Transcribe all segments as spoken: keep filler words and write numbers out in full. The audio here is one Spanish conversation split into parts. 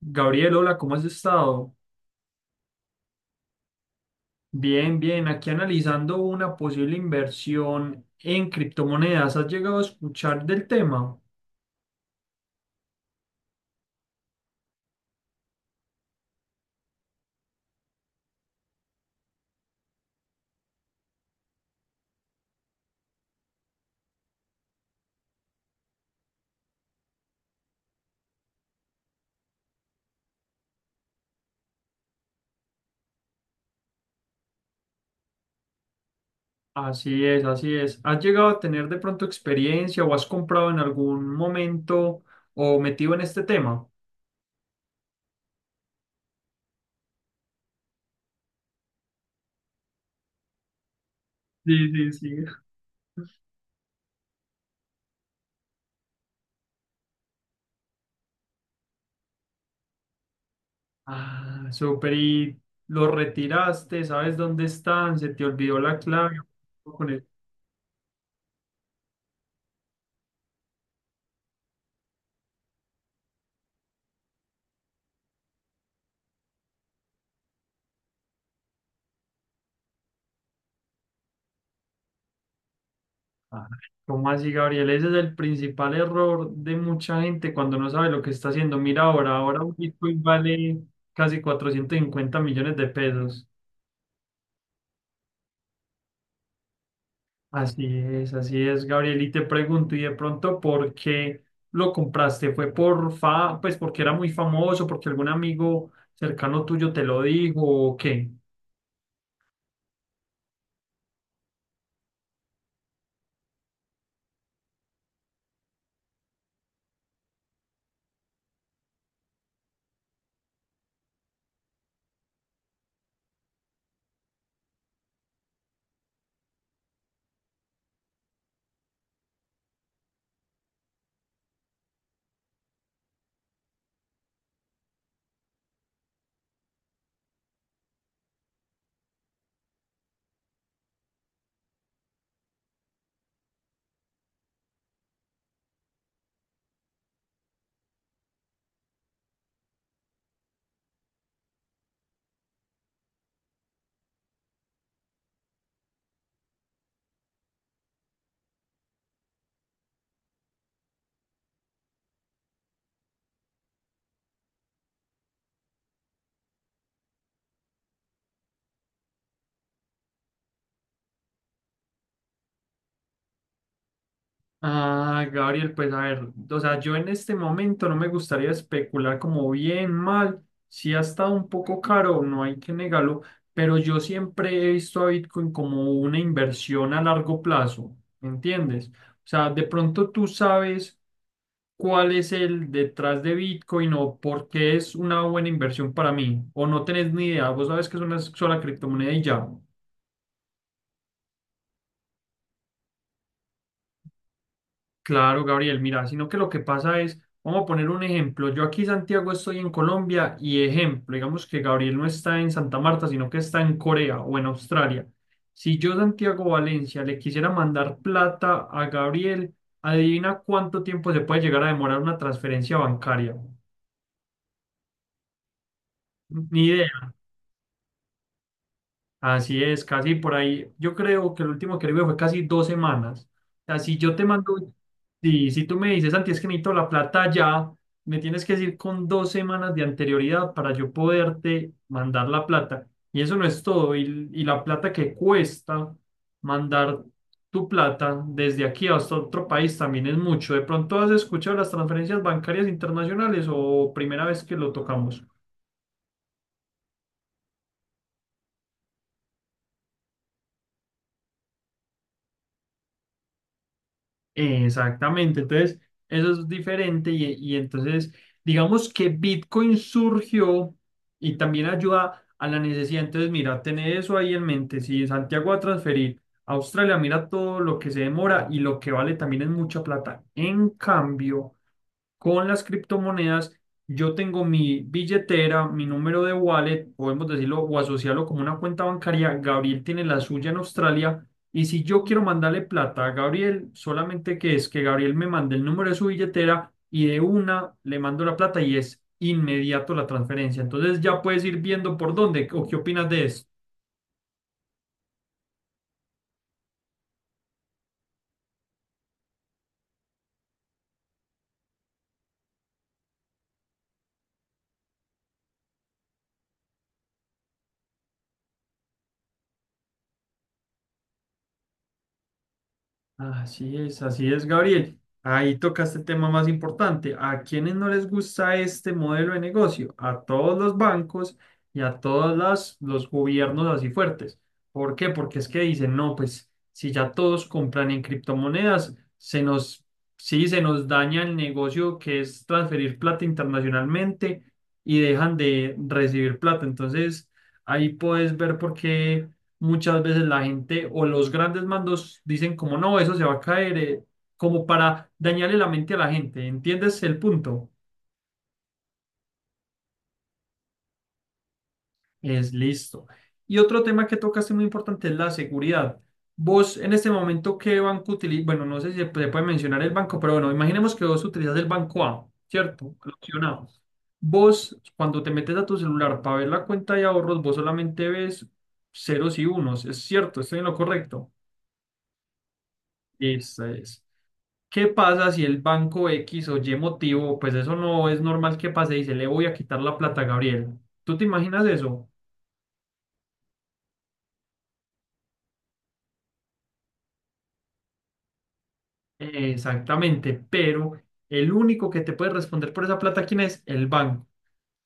Gabriel, hola, ¿cómo has estado? Bien, bien, aquí analizando una posible inversión en criptomonedas. ¿Has llegado a escuchar del tema? Así es, así es. ¿Has llegado a tener de pronto experiencia o has comprado en algún momento o metido en este tema? Sí, sí, sí. Ah, súper. ¿Y lo retiraste? ¿Sabes dónde están? ¿Se te olvidó la clave? Ah, ¿cómo así, Gabriel? Ese es el principal error de mucha gente cuando no sabe lo que está haciendo. Mira ahora, ahora un Bitcoin vale casi cuatrocientos cincuenta millones de pesos. Así es, así es, Gabriel. Y te pregunto, ¿y de pronto por qué lo compraste? ¿Fue por fa, pues porque era muy famoso, porque algún amigo cercano tuyo te lo dijo o qué? Ah, Gabriel, pues a ver, o sea, yo en este momento no me gustaría especular como bien, mal, si ha estado un poco caro, no hay que negarlo, pero yo siempre he visto a Bitcoin como una inversión a largo plazo, ¿me entiendes? O sea, de pronto tú sabes cuál es el detrás de Bitcoin o por qué es una buena inversión para mí, o no tenés ni idea, vos sabes que es una sola criptomoneda y ya. Claro, Gabriel, mira, sino que lo que pasa es, vamos a poner un ejemplo, yo aquí Santiago estoy en Colombia y ejemplo, digamos que Gabriel no está en Santa Marta, sino que está en Corea o en Australia. Si yo Santiago Valencia le quisiera mandar plata a Gabriel, adivina cuánto tiempo se puede llegar a demorar una transferencia bancaria. Ni Así es, casi por ahí. Yo creo que el último que le vi fue casi dos semanas. O sea, si yo te mando, si, si tú me dices, Santi, es que necesito la plata ya, me tienes que decir con dos semanas de anterioridad para yo poderte mandar la plata. Y eso no es todo. Y, y la plata que cuesta mandar tu plata desde aquí hasta otro país también es mucho. ¿De pronto has escuchado las transferencias bancarias internacionales o primera vez que lo tocamos? Exactamente, entonces eso es diferente y, y entonces digamos que Bitcoin surgió y también ayuda a la necesidad, entonces mira, tener eso ahí en mente, si Santiago va a transferir a Australia, mira todo lo que se demora y lo que vale también es mucha plata. En cambio, con las criptomonedas, yo tengo mi billetera, mi número de wallet, podemos decirlo o asociarlo como una cuenta bancaria. Gabriel tiene la suya en Australia. Y si yo quiero mandarle plata a Gabriel, solamente que es que Gabriel me mande el número de su billetera y de una le mando la plata y es inmediato la transferencia. Entonces ya puedes ir viendo por dónde o qué opinas de esto. Así es, así es, Gabriel. Ahí tocaste el tema más importante. ¿A quiénes no les gusta este modelo de negocio? A todos los bancos y a todos las- los gobiernos así fuertes. ¿Por qué? Porque es que dicen, no, pues si ya todos compran en criptomonedas, se nos, sí, se nos daña el negocio que es transferir plata internacionalmente y dejan de recibir plata. Entonces, ahí puedes ver por qué muchas veces la gente o los grandes mandos dicen como no, eso se va a caer, eh, como para dañarle la mente a la gente. ¿Entiendes el punto? Es listo. Y otro tema que tocaste muy importante es la seguridad. Vos en este momento, ¿qué banco utilizas? Bueno, no sé si se puede puede mencionar el banco, pero bueno, imaginemos que vos utilizas el banco A, ¿cierto? La opción A. Vos, cuando te metes a tu celular para ver la cuenta de ahorros, vos solamente ves ceros y unos. Es cierto, estoy en lo correcto. Esa es. ¿Qué pasa si el banco X o Y motivo, pues eso no es normal que pase, dice, le voy a quitar la plata a Gabriel? ¿Tú te imaginas eso? Eh, Exactamente, pero el único que te puede responder por esa plata, ¿quién es? El banco.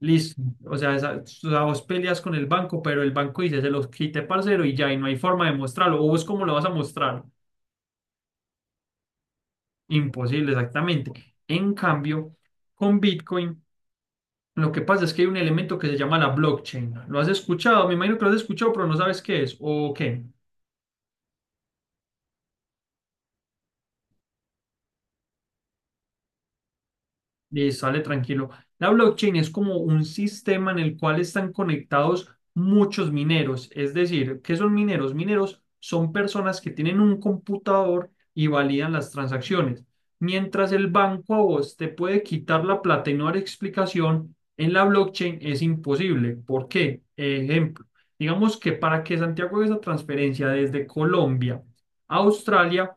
Listo. O sea, esa, o sea, vos peleas con el banco, pero el banco dice, se los quité, parcero, y ya, y no hay forma de mostrarlo. ¿O vos cómo lo vas a mostrar? Imposible, exactamente. En cambio, con Bitcoin. Lo que pasa es que hay un elemento que se llama la blockchain. ¿Lo has escuchado? Me imagino que lo has escuchado, pero no sabes qué es. ¿O qué? Y sale tranquilo. La blockchain es como un sistema en el cual están conectados muchos mineros. Es decir, ¿qué son mineros? Mineros son personas que tienen un computador y validan las transacciones. Mientras el banco a vos te puede quitar la plata y no dar explicación, en la blockchain es imposible. ¿Por qué? Ejemplo, digamos que para que Santiago haga esa transferencia desde Colombia a Australia,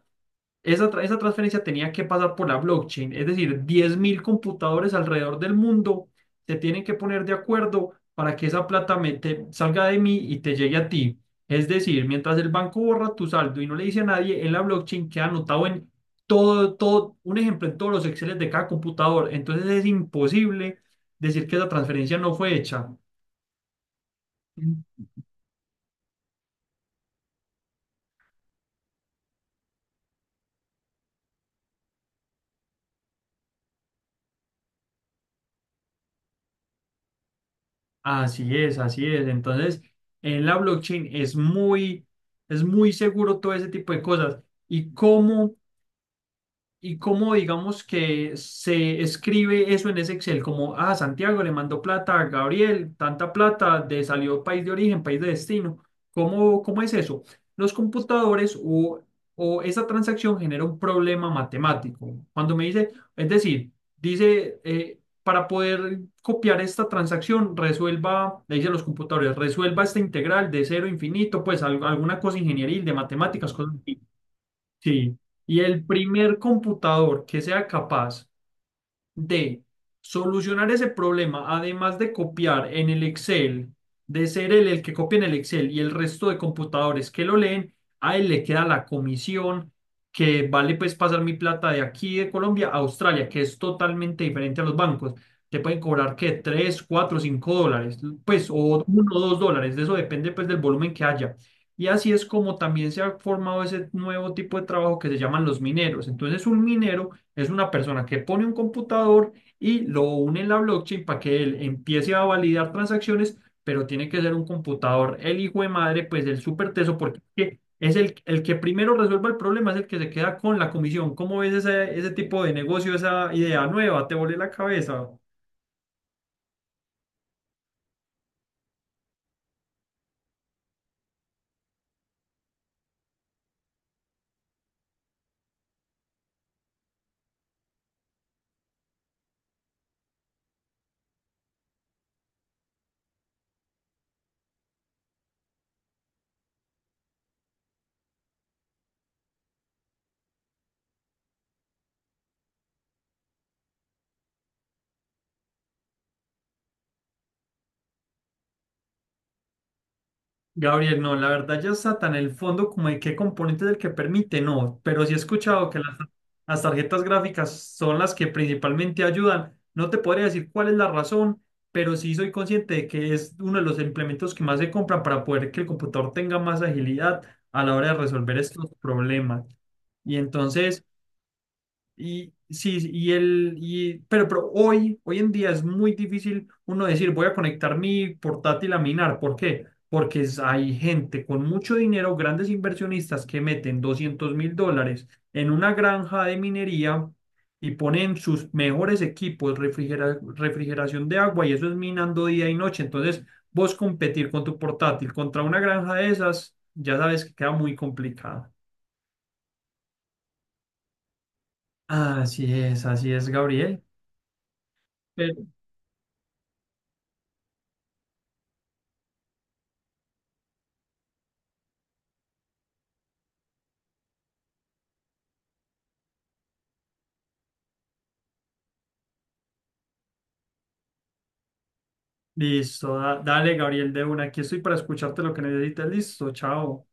esa, tra- esa transferencia tenía que pasar por la blockchain, es decir, diez mil computadores alrededor del mundo se tienen que poner de acuerdo para que esa plata me- te- salga de mí y te llegue a ti. Es decir, mientras el banco borra tu saldo y no le dice a nadie, en la blockchain queda anotado en todo, todo, un ejemplo en todos los Exceles de cada computador. Entonces es imposible decir que esa transferencia no fue hecha. Así es, así es. Entonces, en la blockchain es muy, es muy seguro todo ese tipo de cosas. ¿Y cómo? ¿Y cómo digamos que se escribe eso en ese Excel? Como, ah, Santiago le mandó plata a Gabriel, tanta plata, de salió país de origen, país de destino. ¿Cómo, cómo es eso? Los computadores o, o esa transacción genera un problema matemático. Cuando me dice, es decir, dice, eh, para poder copiar esta transacción, resuelva, le dice a los computadores, resuelva esta integral de cero a infinito, pues al- alguna cosa ingenieril de matemáticas, cosas. Sí, y el primer computador que sea capaz de solucionar ese problema, además de copiar en el Excel, de ser él el que copia en el Excel y el resto de computadores que lo leen, a él le queda la comisión que vale pues pasar mi plata de aquí de Colombia a Australia, que es totalmente diferente a los bancos. Te pueden cobrar que tres cuatro cinco dólares, pues o uno o dos dólares, de eso depende pues del volumen que haya. Y así es como también se ha formado ese nuevo tipo de trabajo que se llaman los mineros. Entonces un minero es una persona que pone un computador y lo une en la blockchain para que él empiece a validar transacciones, pero tiene que ser un computador, el hijo de madre, pues el súper teso, porque es que es el, el que primero resuelva el problema, es el que se queda con la comisión. ¿Cómo ves ese, ese tipo de negocio, esa idea nueva? ¿Te volé la cabeza? Gabriel, no, la verdad ya está tan en el fondo como de qué componente es el que permite, no, pero sí he escuchado que las, las tarjetas gráficas son las que principalmente ayudan. No te podría decir cuál es la razón, pero sí soy consciente de que es uno de los implementos que más se compran para poder que el computador tenga más agilidad a la hora de resolver estos problemas. Y entonces... Y sí, y el, y, pero, pero hoy, hoy en día es muy difícil uno decir voy a conectar mi portátil a minar. ¿Por qué? Porque es- hay gente con mucho dinero, grandes inversionistas que meten doscientos mil dólares en una granja de minería y ponen sus mejores equipos, refrigera- refrigeración de agua y eso es minando día y noche. Entonces, vos competir con tu portátil contra una granja de esas, ya sabes que queda muy complicado. Así es, así es, Gabriel. Listo, da- dale, Gabriel, de una. Aquí estoy para escucharte lo que necesites. Listo, chao.